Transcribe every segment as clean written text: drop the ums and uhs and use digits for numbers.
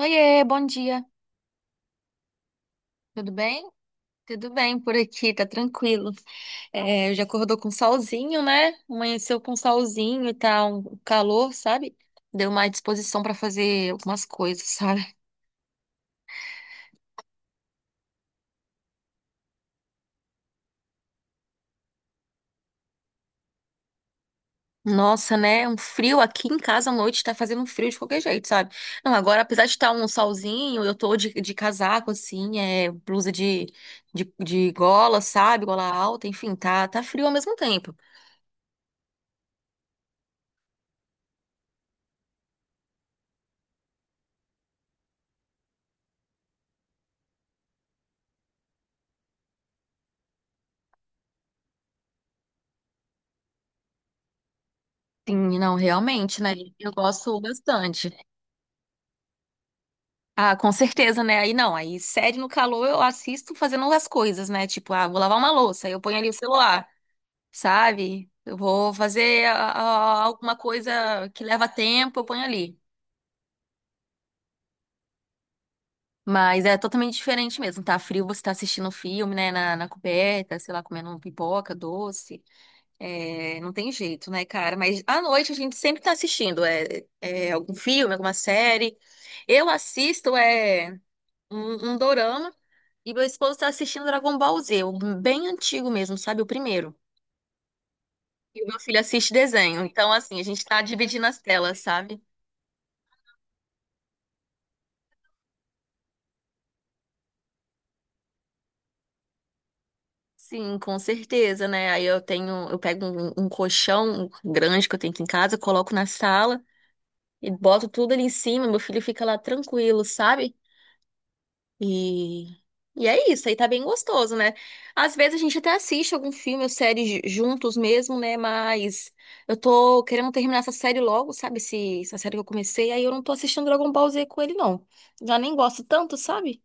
Oiê, bom dia. Tudo bem? Tudo bem por aqui, tá tranquilo. É, já acordou com solzinho, né? Amanheceu com solzinho e tá um calor, sabe? Deu mais disposição pra fazer algumas coisas, sabe? Nossa, né? Um frio aqui em casa à noite tá fazendo um frio de qualquer jeito, sabe? Não, agora apesar de estar um solzinho, eu tô de casaco assim, é blusa de gola, sabe? Gola alta, enfim, tá frio ao mesmo tempo. Sim, não, realmente, né? Eu gosto bastante. Ah, com certeza, né? Aí não, aí série no calor eu assisto fazendo as coisas, né? Tipo, ah, vou lavar uma louça, aí eu ponho ali o celular, sabe? Eu vou fazer alguma coisa que leva tempo, eu ponho ali. Mas é totalmente diferente mesmo. Tá frio, você tá assistindo filme, né? Na coberta, sei lá, comendo um pipoca, doce. É, não tem jeito, né, cara? Mas à noite a gente sempre tá assistindo algum filme, alguma série. Eu assisto é um dorama. E meu esposo tá assistindo Dragon Ball Z, o bem antigo mesmo, sabe? O primeiro. E o meu filho assiste desenho. Então, assim, a gente tá dividindo as telas, sabe? Sim, com certeza, né? Aí eu tenho, eu pego um colchão grande que eu tenho aqui em casa, coloco na sala e boto tudo ali em cima. Meu filho fica lá tranquilo, sabe? E, e é isso, aí tá bem gostoso, né? Às vezes a gente até assiste algum filme ou série juntos mesmo, né? Mas eu tô querendo terminar essa série logo, sabe? Essa série que eu comecei, aí eu não tô assistindo Dragon Ball Z com ele, não. Já nem gosto tanto, sabe?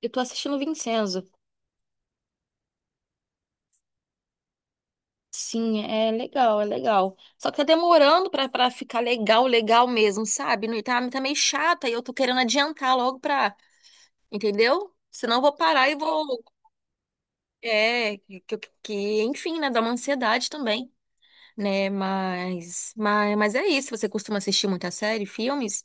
Eu tô assistindo Vincenzo. Sim, é legal, é legal. Só que tá demorando pra ficar legal, legal mesmo, sabe? Tá, tá meio chata e eu tô querendo adiantar logo pra. Entendeu? Senão eu vou parar e vou. É, enfim, né, dá uma ansiedade também, né, mas, mas é isso, você costuma assistir muita série, filmes?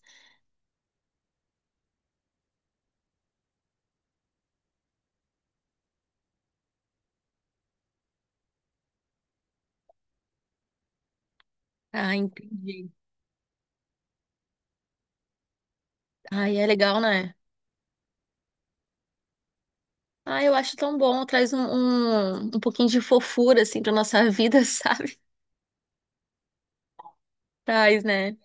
Ah, entendi. Ai, é legal, né? Ah, eu acho tão bom, traz um pouquinho de fofura, assim, pra nossa vida, sabe? Traz, né?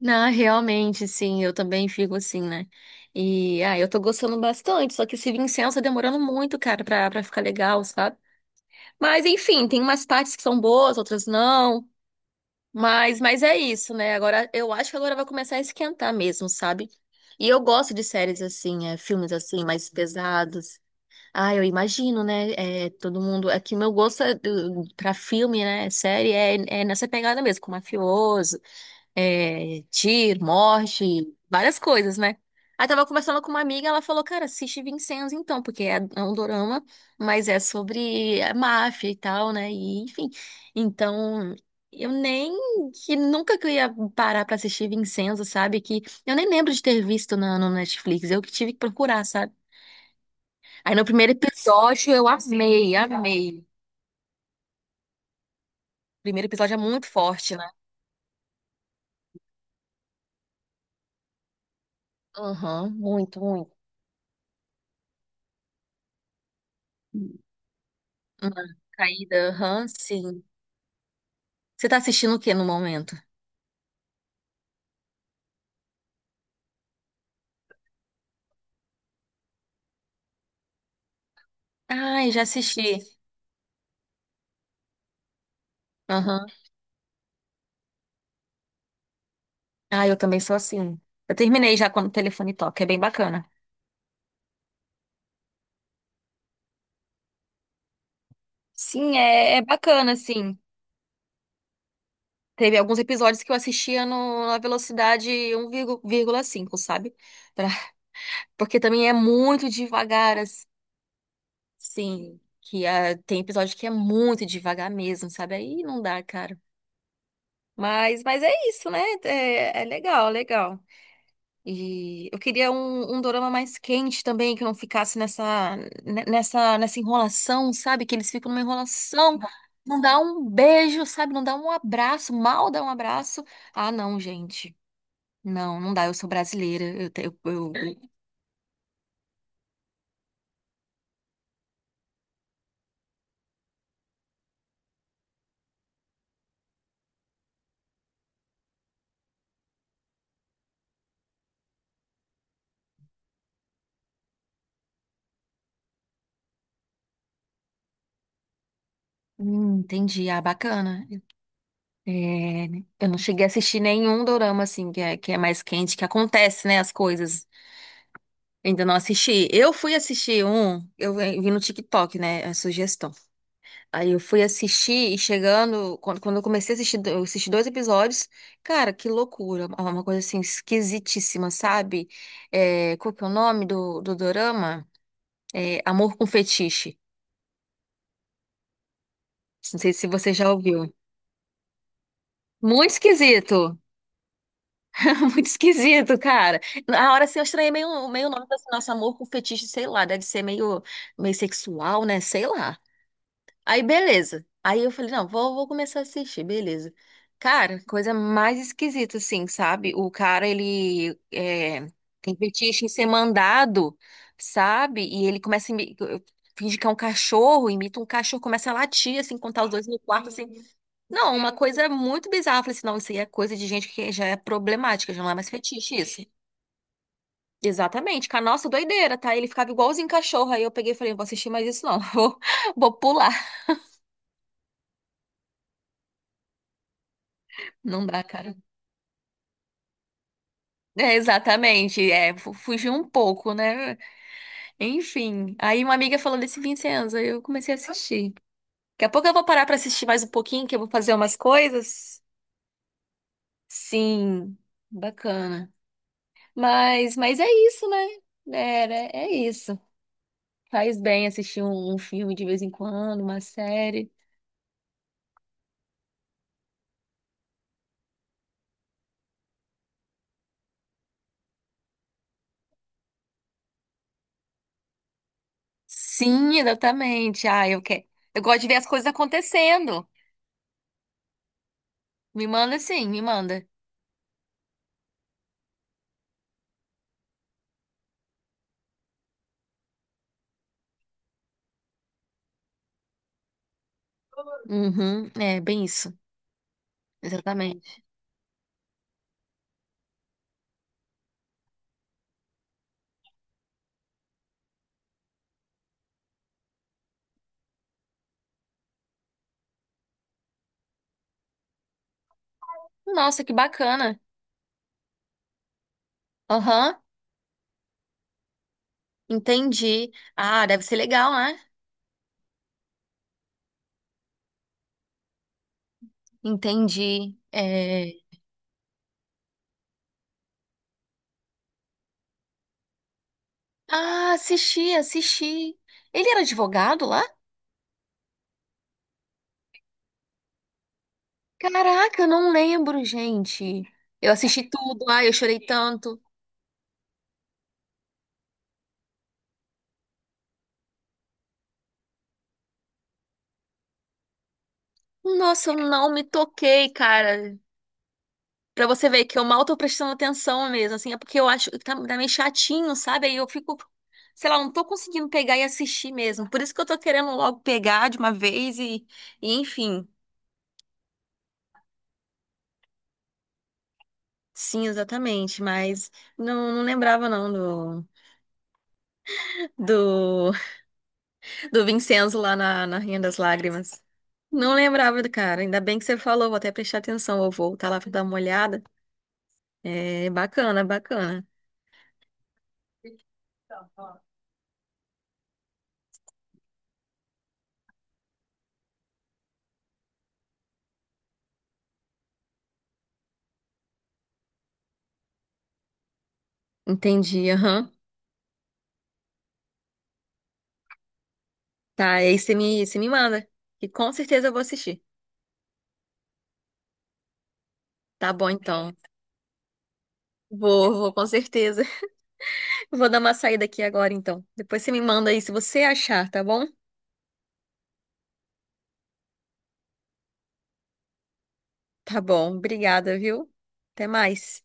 Não, realmente, sim, eu também fico assim, né? E, ah, eu tô gostando bastante, só que esse Vincenzo tá demorando muito, cara, pra ficar legal, sabe? Mas, enfim, tem umas partes que são boas, outras não. Mas é isso, né? Agora eu acho que agora vai começar a esquentar mesmo, sabe? E eu gosto de séries assim, é, filmes assim, mais pesados. Ah, eu imagino, né? É, todo mundo. É que meu gosto é pra filme, né? Série é, é nessa pegada mesmo, com mafioso é, tiro, morte, várias coisas, né? Aí tava conversando com uma amiga, ela falou, cara, assiste Vincenzo então, porque é um dorama, mas é sobre a máfia e tal, né? E enfim. Então, eu nem que nunca que eu ia parar pra assistir Vincenzo, sabe? Que eu nem lembro de ter visto no Netflix, eu que tive que procurar, sabe? Aí no primeiro episódio eu amei, amei. Primeiro episódio é muito forte, né? Aham, muito, muito. Uma caída, aham, sim. Você tá assistindo o que no momento? Ai, já assisti. Aham. Ah, eu também sou assim. Eu terminei já quando o telefone toca, é bem bacana. Sim, é, é bacana, assim. Teve alguns episódios que eu assistia no, na velocidade 1,5, sabe? Pra- Porque também é muito devagar, assim. Que ah, tem episódio que é muito devagar mesmo, sabe? Aí não dá, cara. Mas é isso, né? É, é legal, legal. E eu queria um dorama mais quente também, que não ficasse nessa, nessa enrolação, sabe? Que eles ficam numa enrolação, não dá um beijo, sabe? Não dá um abraço, mal dá um abraço. Ah, não, gente. Não, não dá, eu sou brasileira. Eu. Entendi, ah, bacana. É, né? Eu não cheguei a assistir nenhum dorama, assim, que é mais quente, que acontece, né, as coisas. Eu ainda não assisti. Eu fui assistir um, eu vi no TikTok, né, a sugestão. Aí eu fui assistir e chegando, quando eu comecei a assistir, eu assisti dois episódios, cara, que loucura, uma coisa assim esquisitíssima, sabe? É, qual que é o nome do, do dorama? É, Amor com Fetiche. Não sei se você já ouviu. Muito esquisito, muito esquisito, cara. Na hora assim, eu estranhei meio, meio o nome assim, nosso amor com fetiche, sei lá, deve ser meio, meio sexual, né? Sei lá. Aí, beleza. Aí eu falei, não, vou, vou começar a assistir, beleza. Cara, coisa mais esquisita, assim, sabe? O cara, ele é, tem fetiche em ser mandado, sabe? E ele começa a finge que é um cachorro, imita um cachorro, começa a latir, assim, contar os dois no quarto, assim. Não, uma coisa muito bizarra. Eu falei assim, não, isso aí é coisa de gente que já é problemática, já não é mais fetiche isso. Exatamente, com a nossa doideira, tá? Ele ficava igualzinho cachorro. Aí eu peguei e falei, não vou assistir mais isso não, vou, vou pular. Não dá, cara. É, exatamente, é, fugiu um pouco, né? Enfim, aí uma amiga falou desse Vincenzo, aí eu comecei a assistir. Daqui a pouco eu vou parar pra assistir mais um pouquinho, que eu vou fazer umas coisas. Sim, bacana. Mas é isso, né? Era, é isso. Faz bem assistir um filme de vez em quando, uma série. Sim, exatamente. Ah, eu quero. Eu gosto de ver as coisas acontecendo. Me manda sim, me manda. Uhum, é bem isso. Exatamente. Nossa, que bacana. Aham, entendi. Ah, deve ser legal, né? Entendi. É... Ah, assisti, assisti. Ele era advogado lá? Caraca, eu não lembro, gente. Eu assisti tudo, ai, eu chorei tanto. Nossa, eu não me toquei, cara. Pra você ver que eu mal tô prestando atenção mesmo, assim, é porque eu acho que tá, tá meio chatinho, sabe? Aí eu fico, sei lá, não tô conseguindo pegar e assistir mesmo. Por isso que eu tô querendo logo pegar de uma vez e enfim. Sim, exatamente, mas não, não lembrava não do, do Vincenzo lá na Rainha das Lágrimas. Não lembrava do cara, ainda bem que você falou, vou até prestar atenção, eu vou voltar lá pra dar uma olhada. É bacana, bacana. Entendi, aham. Tá, aí você me manda, que com certeza eu vou assistir. Tá bom, então. Vou, vou, com certeza. Vou dar uma saída aqui agora, então. Depois você me manda aí se você achar, tá bom? Tá bom, obrigada, viu? Até mais.